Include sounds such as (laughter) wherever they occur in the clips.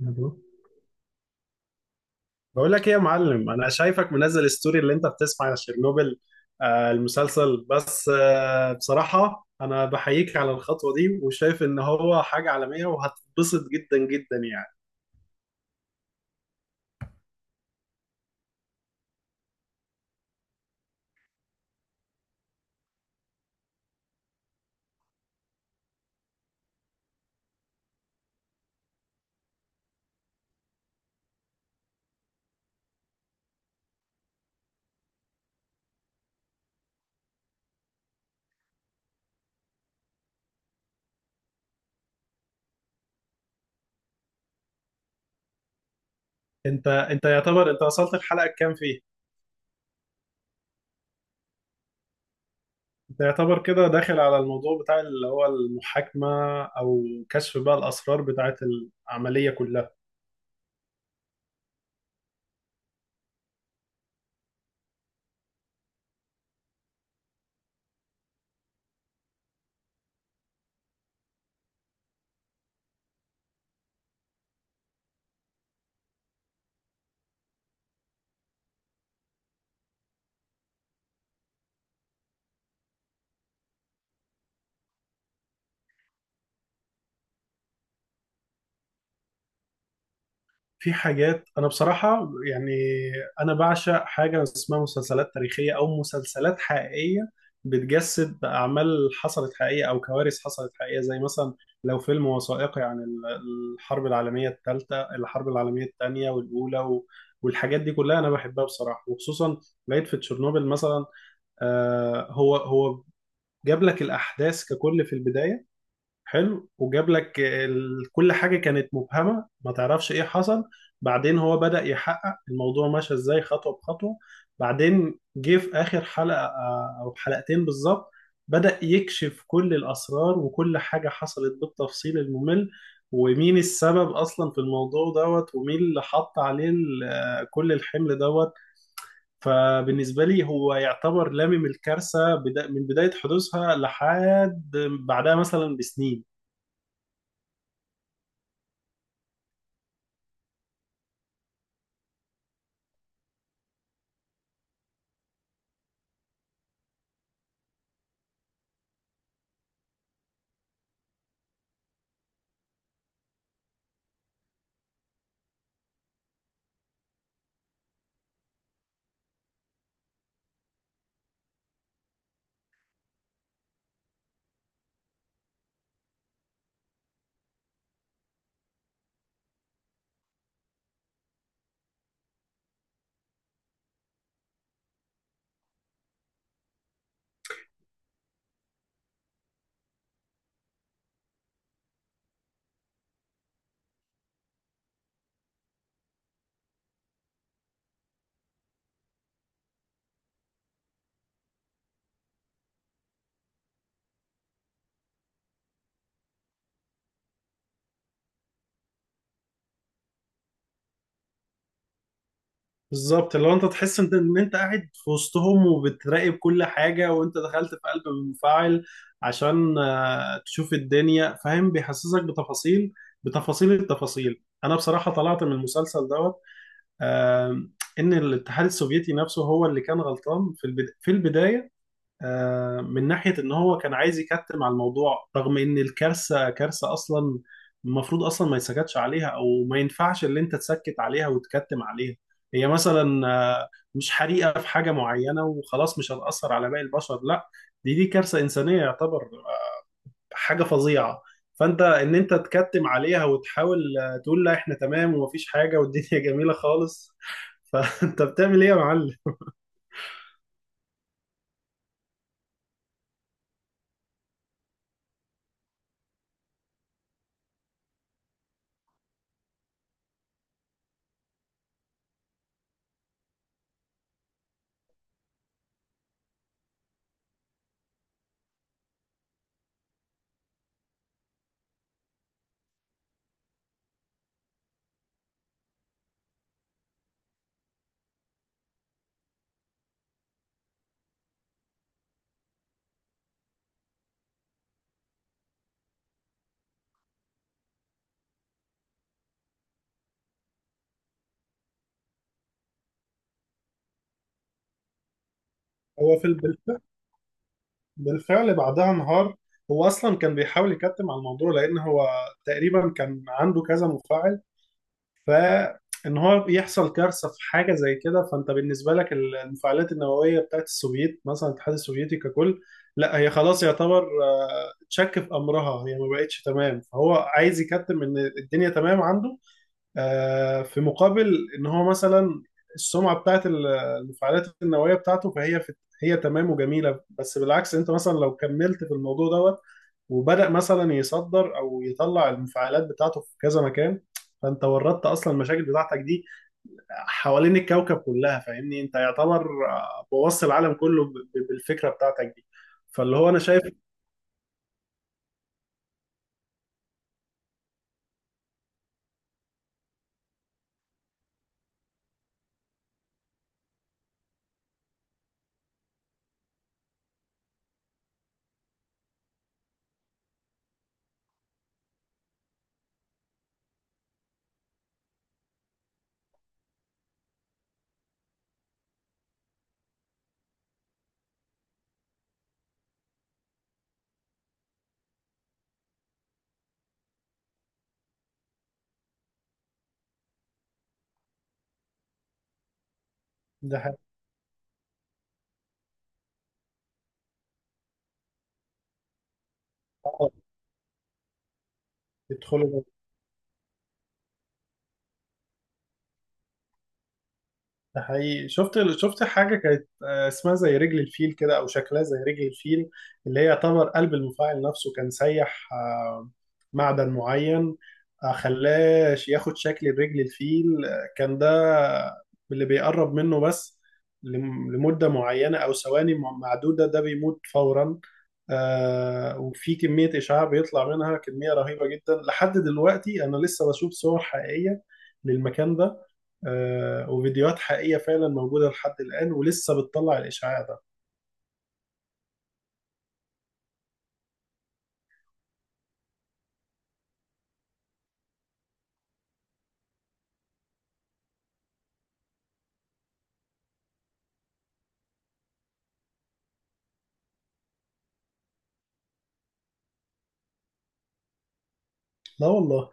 مبروك. بقول لك ايه يا معلم، انا شايفك منزل ستوري اللي انت بتسمع على شيرنوبل المسلسل. بس بصراحة انا بحييك على الخطوة دي وشايف ان هو حاجة عالمية وهتتبسط جدا جدا يعني. انت يعتبر انت وصلت الحلقة كام فيه؟ انت يعتبر كده داخل على الموضوع بتاع اللي هو المحاكمة او كشف بقى الاسرار بتاعت العملية كلها. في حاجات انا بصراحه يعني، انا بعشق حاجه اسمها مسلسلات تاريخيه او مسلسلات حقيقيه بتجسد اعمال حصلت حقيقيه او كوارث حصلت حقيقيه. زي مثلا لو فيلم وثائقي عن الحرب العالميه الثالثه، الحرب العالميه الثانيه والاولى والحاجات دي كلها انا بحبها بصراحه. وخصوصا لقيت في تشيرنوبل مثلا، هو جاب لك الاحداث ككل في البدايه، حلو. وجاب لك ال... كل حاجة كانت مبهمة ما تعرفش ايه حصل. بعدين هو بدأ يحقق الموضوع ماشي ازاي خطوة بخطوة. بعدين جه في آخر حلقة أو حلقتين بالظبط بدأ يكشف كل الأسرار وكل حاجة حصلت بالتفصيل الممل. ومين السبب أصلا في الموضوع دوت، ومين اللي حط عليه كل الحمل دوت. فبالنسبة لي هو يعتبر لامم الكارثة من بداية حدوثها لحد بعدها مثلا بسنين. بالظبط، لو انت تحس ان انت قاعد في وسطهم وبتراقب كل حاجة، وانت دخلت في قلب المفاعل عشان تشوف الدنيا، فاهم؟ بيحسسك بتفاصيل التفاصيل. انا بصراحة طلعت من المسلسل دوت آه، ان الاتحاد السوفيتي نفسه هو اللي كان غلطان في في البداية، من ناحية إن هو كان عايز يكتم على الموضوع. رغم إن الكارثة كارثة أصلا، المفروض أصلا ما يتسكتش عليها. أو ما ينفعش اللي أنت تسكت عليها وتكتم عليها. هي مثلا مش حريقة في حاجة معينة وخلاص مش هتأثر على باقي البشر، لا. دي كارثة إنسانية يعتبر، حاجة فظيعة. فأنت إن أنت تكتم عليها وتحاول تقول لا، إحنا تمام ومفيش حاجة والدنيا جميلة خالص، (laughs) فأنت بتعمل إيه يا معلم؟ هو في البلد بالفعل بعدها انهار. هو اصلا كان بيحاول يكتم على الموضوع لان هو تقريبا كان عنده كذا مفاعل. فان هو يحصل كارثه في حاجه زي كده، فانت بالنسبه لك المفاعلات النوويه بتاعت السوفييت مثلا، الاتحاد السوفيتي ككل، لا هي خلاص يعتبر تشك في امرها، هي ما بقتش تمام. فهو عايز يكتم ان الدنيا تمام عنده، في مقابل ان هو مثلا السمعه بتاعت المفاعلات النوويه بتاعته، فهي هي تمام وجميله. بس بالعكس، انت مثلا لو كملت في الموضوع دوت، وبدأ مثلا يصدر او يطلع المفاعلات بتاعته في كذا مكان، فانت وردت اصلا المشاكل بتاعتك دي حوالين الكوكب كلها، فاهمني؟ انت يعتبر بوظت العالم كله بالفكره بتاعتك دي. فاللي هو انا شايف ده حاجة- آه، يدخلوا. ده حقيقي، شفت حاجة كانت اسمها زي رجل الفيل كده، أو شكلها زي رجل الفيل. اللي هي يعتبر قلب المفاعل نفسه كان سيح، معدن معين، خلاه ياخد شكل رجل الفيل. كان ده اللي بيقرب منه بس لمدة معينة أو ثواني معدودة، ده بيموت فورا. وفي كمية إشعاع بيطلع منها كمية رهيبة جدا. لحد دلوقتي أنا لسه بشوف صور حقيقية للمكان ده، وفيديوهات حقيقية فعلا موجودة لحد الآن ولسه بتطلع الإشعاع ده. لا والله.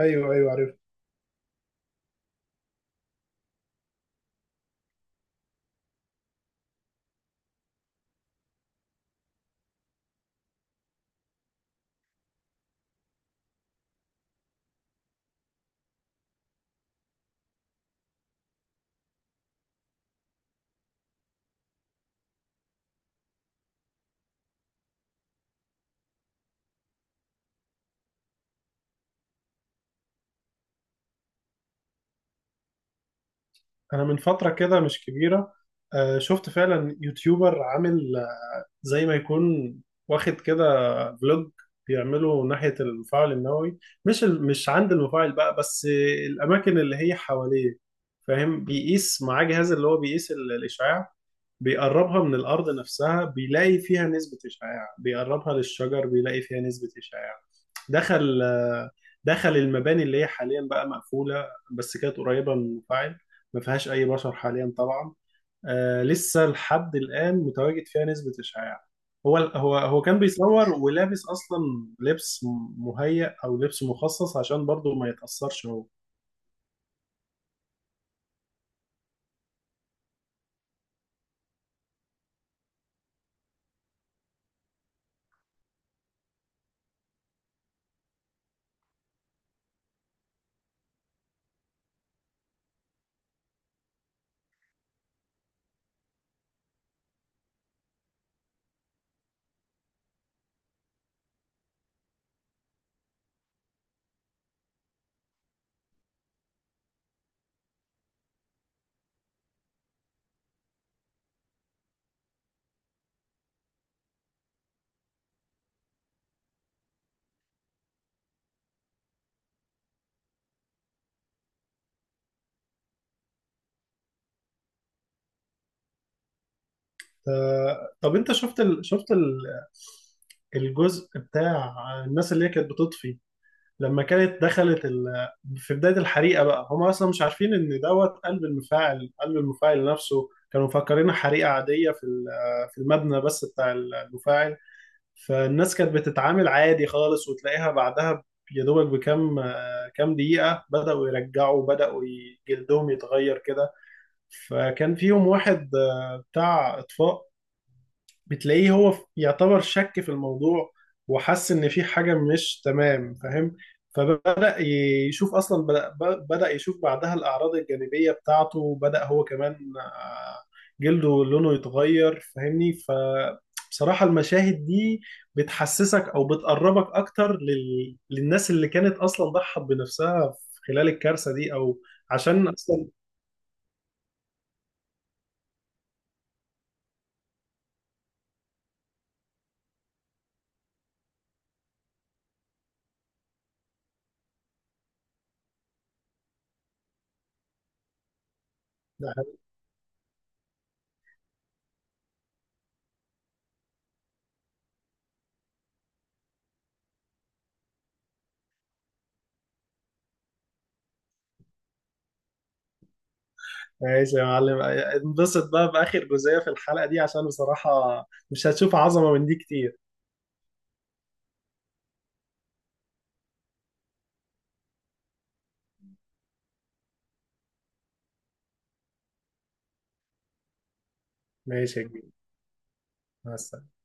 ايوه ايوه، عارف. أنا من فترة كده مش كبيرة، شفت فعلا يوتيوبر عامل زي ما يكون واخد كده فلوج بيعمله ناحية المفاعل النووي. مش عند المفاعل بقى، بس الأماكن اللي هي حواليه، فاهم؟ بيقيس معاه جهاز اللي هو بيقيس الإشعاع. بيقربها من الأرض نفسها بيلاقي فيها نسبة إشعاع، بيقربها للشجر بيلاقي فيها نسبة إشعاع. دخل دخل المباني اللي هي حاليا بقى مقفولة، بس كانت قريبة من المفاعل. ما فيهاش أي بشر حاليا طبعا. آه، لسه لحد الآن متواجد فيها نسبة إشعاع. هو كان بيصور ولابس أصلا لبس مهيأ أو لبس مخصص عشان برضه ما يتأثرش هو. آه، طب انت شفت ال... شفت ال... الجزء بتاع الناس اللي هي كانت بتطفي لما كانت دخلت ال... في بداية الحريقة بقى، هم أصلا مش عارفين إن دوت قلب المفاعل، قلب المفاعل نفسه كانوا مفكرينها حريقة عادية في في المبنى بس بتاع المفاعل. فالناس كانت بتتعامل عادي خالص، وتلاقيها بعدها يا دوبك بكام كام دقيقة بدأوا يرجعوا، جلدهم يتغير كده. فكان فيهم واحد بتاع إطفاء، بتلاقيه هو يعتبر شك في الموضوع وحس ان في حاجة مش تمام، فاهم؟ فبدأ ي- يشوف اصلا بدأ ب- بدأ يشوف بعدها الاعراض الجانبية بتاعته، وبدأ هو كمان آه، جلده لونه يتغير، فاهمني؟ فبصراحة المشاهد دي بتحسسك او بتقربك اكتر لل... للناس اللي كانت اصلا ضحت بنفسها خلال الكارثة دي او عشان اصلا. ماشي يا معلم، انبسط بقى بآخر جزئية في الحلقة دي عشان بصراحة مش هتشوف عظمة من دي كتير. ماشي يا كبير، مع السلامة.